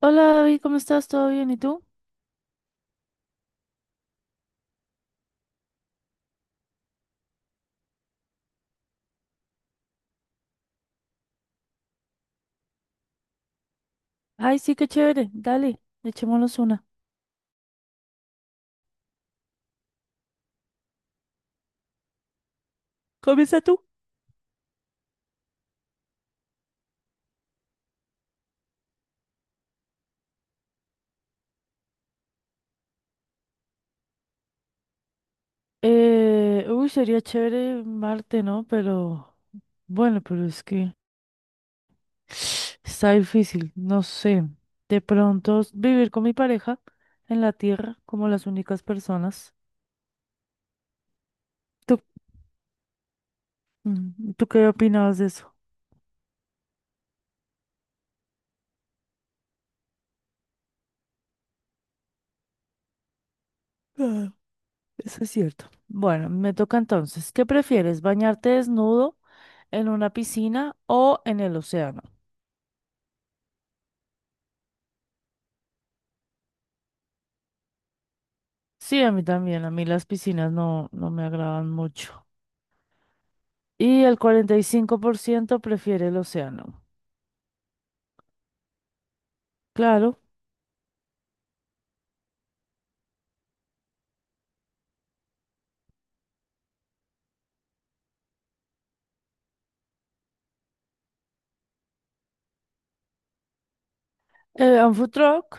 Hola David, ¿cómo estás? ¿Todo bien? ¿Y tú? Ay, sí, qué chévere. Dale, echémonos una. Comienza tú. Uy, sería chévere Marte, ¿no? Pero bueno, pero es que está difícil. No sé. De pronto vivir con mi pareja en la Tierra como las únicas personas. ¿Tú, ¿tú qué opinabas de eso? Ah, eso es cierto. Bueno, me toca entonces. ¿Qué prefieres? ¿Bañarte desnudo en una piscina o en el océano? Sí, a mí también, a mí las piscinas no me agradan mucho. Y el 45% prefiere el océano. Claro. ¿Un food truck?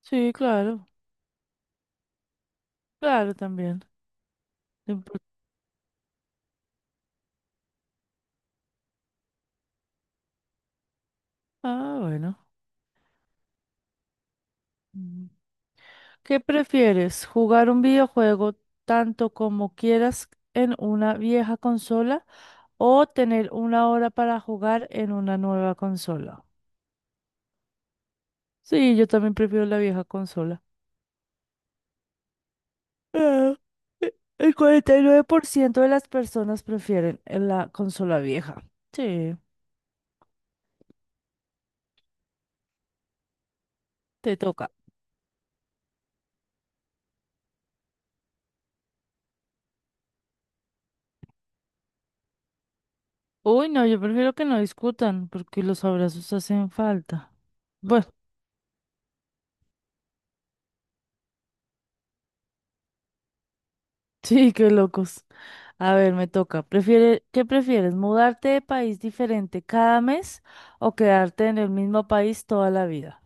Sí, claro. Claro, también. No importa. Ah, bueno. Mm. ¿Qué prefieres? ¿Jugar un videojuego tanto como quieras en una vieja consola o tener una hora para jugar en una nueva consola? Sí, yo también prefiero la vieja consola. Ah, el 49% de las personas prefieren en la consola vieja. Sí, te toca. Uy, no, yo prefiero que no discutan porque los abrazos hacen falta. Bueno, sí, qué locos. A ver, me toca. ¿Qué prefieres? ¿Mudarte de país diferente cada mes o quedarte en el mismo país toda la vida?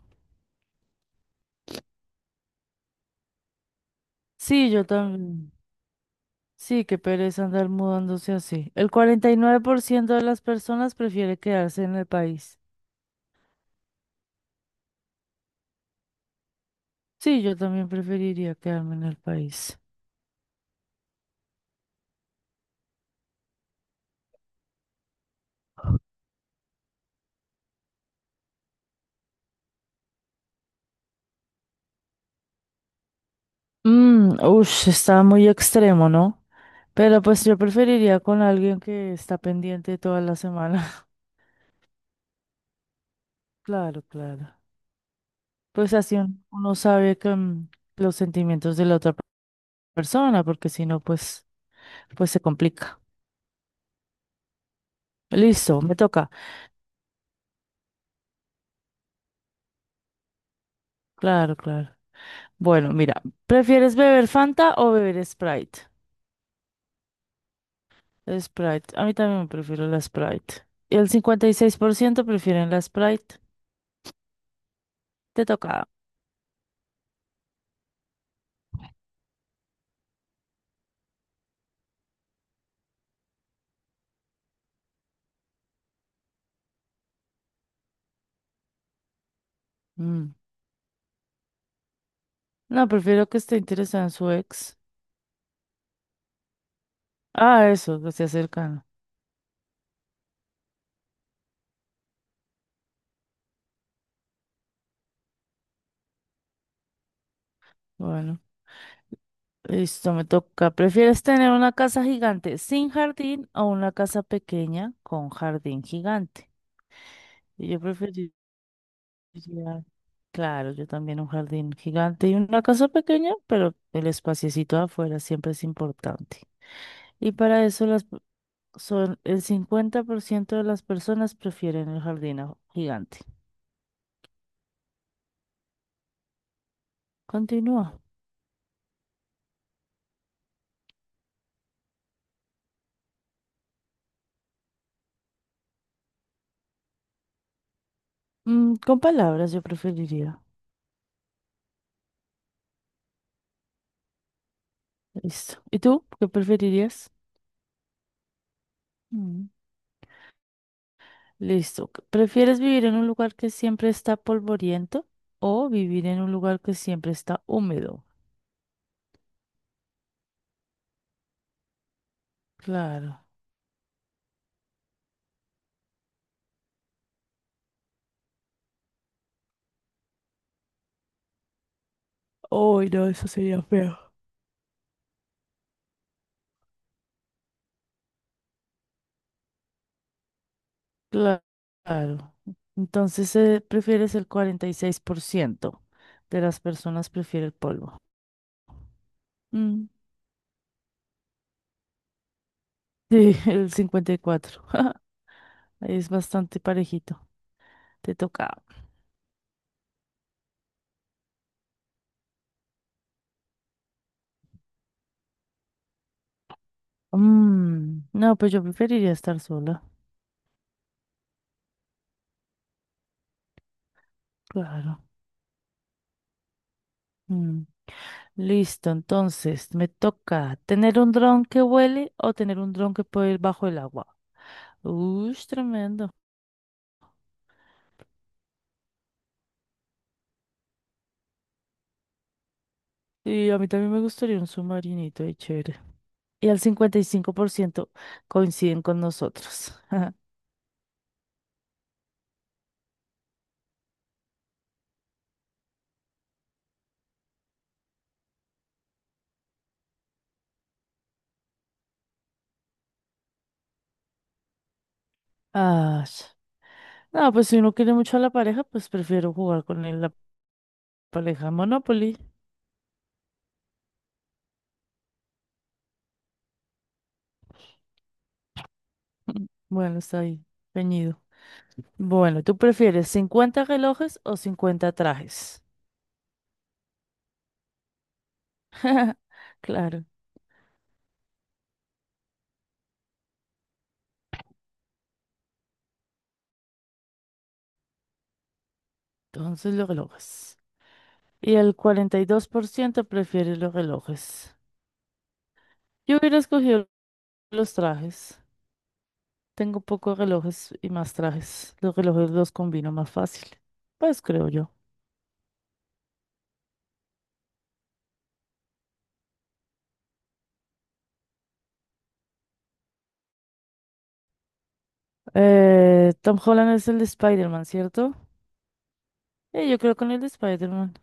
Sí, yo también. Sí, qué pereza andar mudándose así. El 49% de las personas prefiere quedarse en el país. Sí, yo también preferiría quedarme en el país. Ush, está muy extremo, ¿no? Pero pues yo preferiría con alguien que está pendiente toda la semana. Claro, claro. Pues así uno sabe que los sentimientos de la otra persona, porque si no, pues se complica. Listo, me toca. Claro, claro. Bueno, mira, ¿prefieres beber Fanta o beber Sprite? Sprite. A mí también me prefiero la Sprite. Y el 56% prefieren la Sprite. Te toca. Mm. No, prefiero que esté interesada en su ex. Ah, eso, que esté cercano. Bueno, listo, me toca. ¿Prefieres tener una casa gigante sin jardín o una casa pequeña con jardín gigante? Y yo preferiría, claro, yo también un jardín gigante y una casa pequeña, pero el espaciecito afuera siempre es importante. Y para eso las son el 50% de las personas prefieren el jardín gigante. Continúa. Mm, con palabras yo preferiría. Listo. ¿Y tú? ¿Qué preferirías? Mm. Listo. ¿Prefieres vivir en un lugar que siempre está polvoriento o vivir en un lugar que siempre está húmedo? Claro. Uy, no, eso sería feo. Cla- Claro. Entonces, prefieres el 46% de las personas prefiere el polvo. Mm. Sí, el 54%. Ahí es bastante parejito. Te toca. No, pues yo preferiría estar sola. Claro. Mm. Listo, entonces me toca tener un dron que huele o tener un dron que puede ir bajo el agua. Uy, tremendo. Y a mí también me gustaría un submarinito de chévere. Y al 55% coinciden con nosotros. Ah, no, pues si uno quiere mucho a la pareja, pues prefiero jugar con la pareja Monopoly. Bueno, está ahí, peñido. Bueno, ¿tú prefieres 50 relojes o 50 trajes? Claro, entonces los relojes. Y el 42% prefiere los relojes. Yo hubiera escogido los trajes. Tengo pocos relojes y más trajes. Los relojes los combino más fácil. Pues creo yo. Tom Holland es el de Spider-Man, ¿cierto? Yo creo con el de Spider-Man.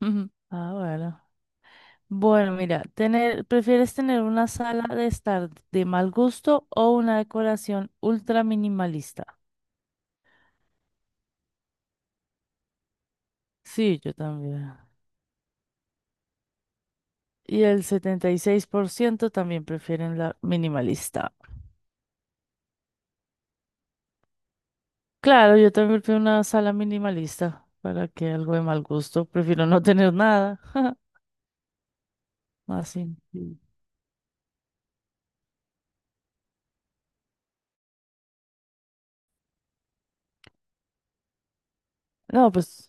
Ujú. Ah, bueno. Bueno, mira, ¿prefieres tener una sala de estar de mal gusto o una decoración ultra minimalista? Sí, yo también. Y el 76% también prefieren la minimalista. Claro, yo también prefiero una sala minimalista para que algo de mal gusto. Prefiero no tener nada. Así. Sí. No, pues,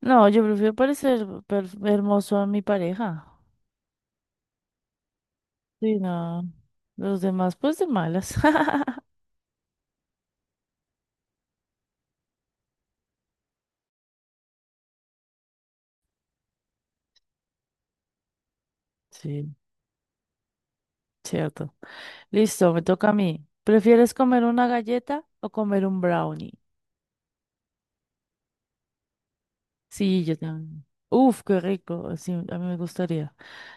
no, yo prefiero parecer hermoso a mi pareja. Sí, no. Los demás, pues de malas. Sí, cierto. Listo, me toca a mí. ¿Prefieres comer una galleta o comer un brownie? Sí, yo también. Uf, qué rico. Sí, a mí me gustaría.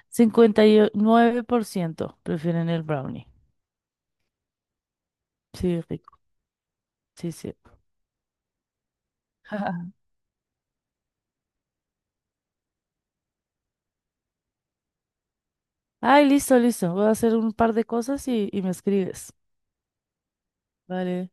59% prefieren el brownie. Sí, rico. Sí, sí. Ay, listo, listo. Voy a hacer un par de cosas y me escribes. Vale.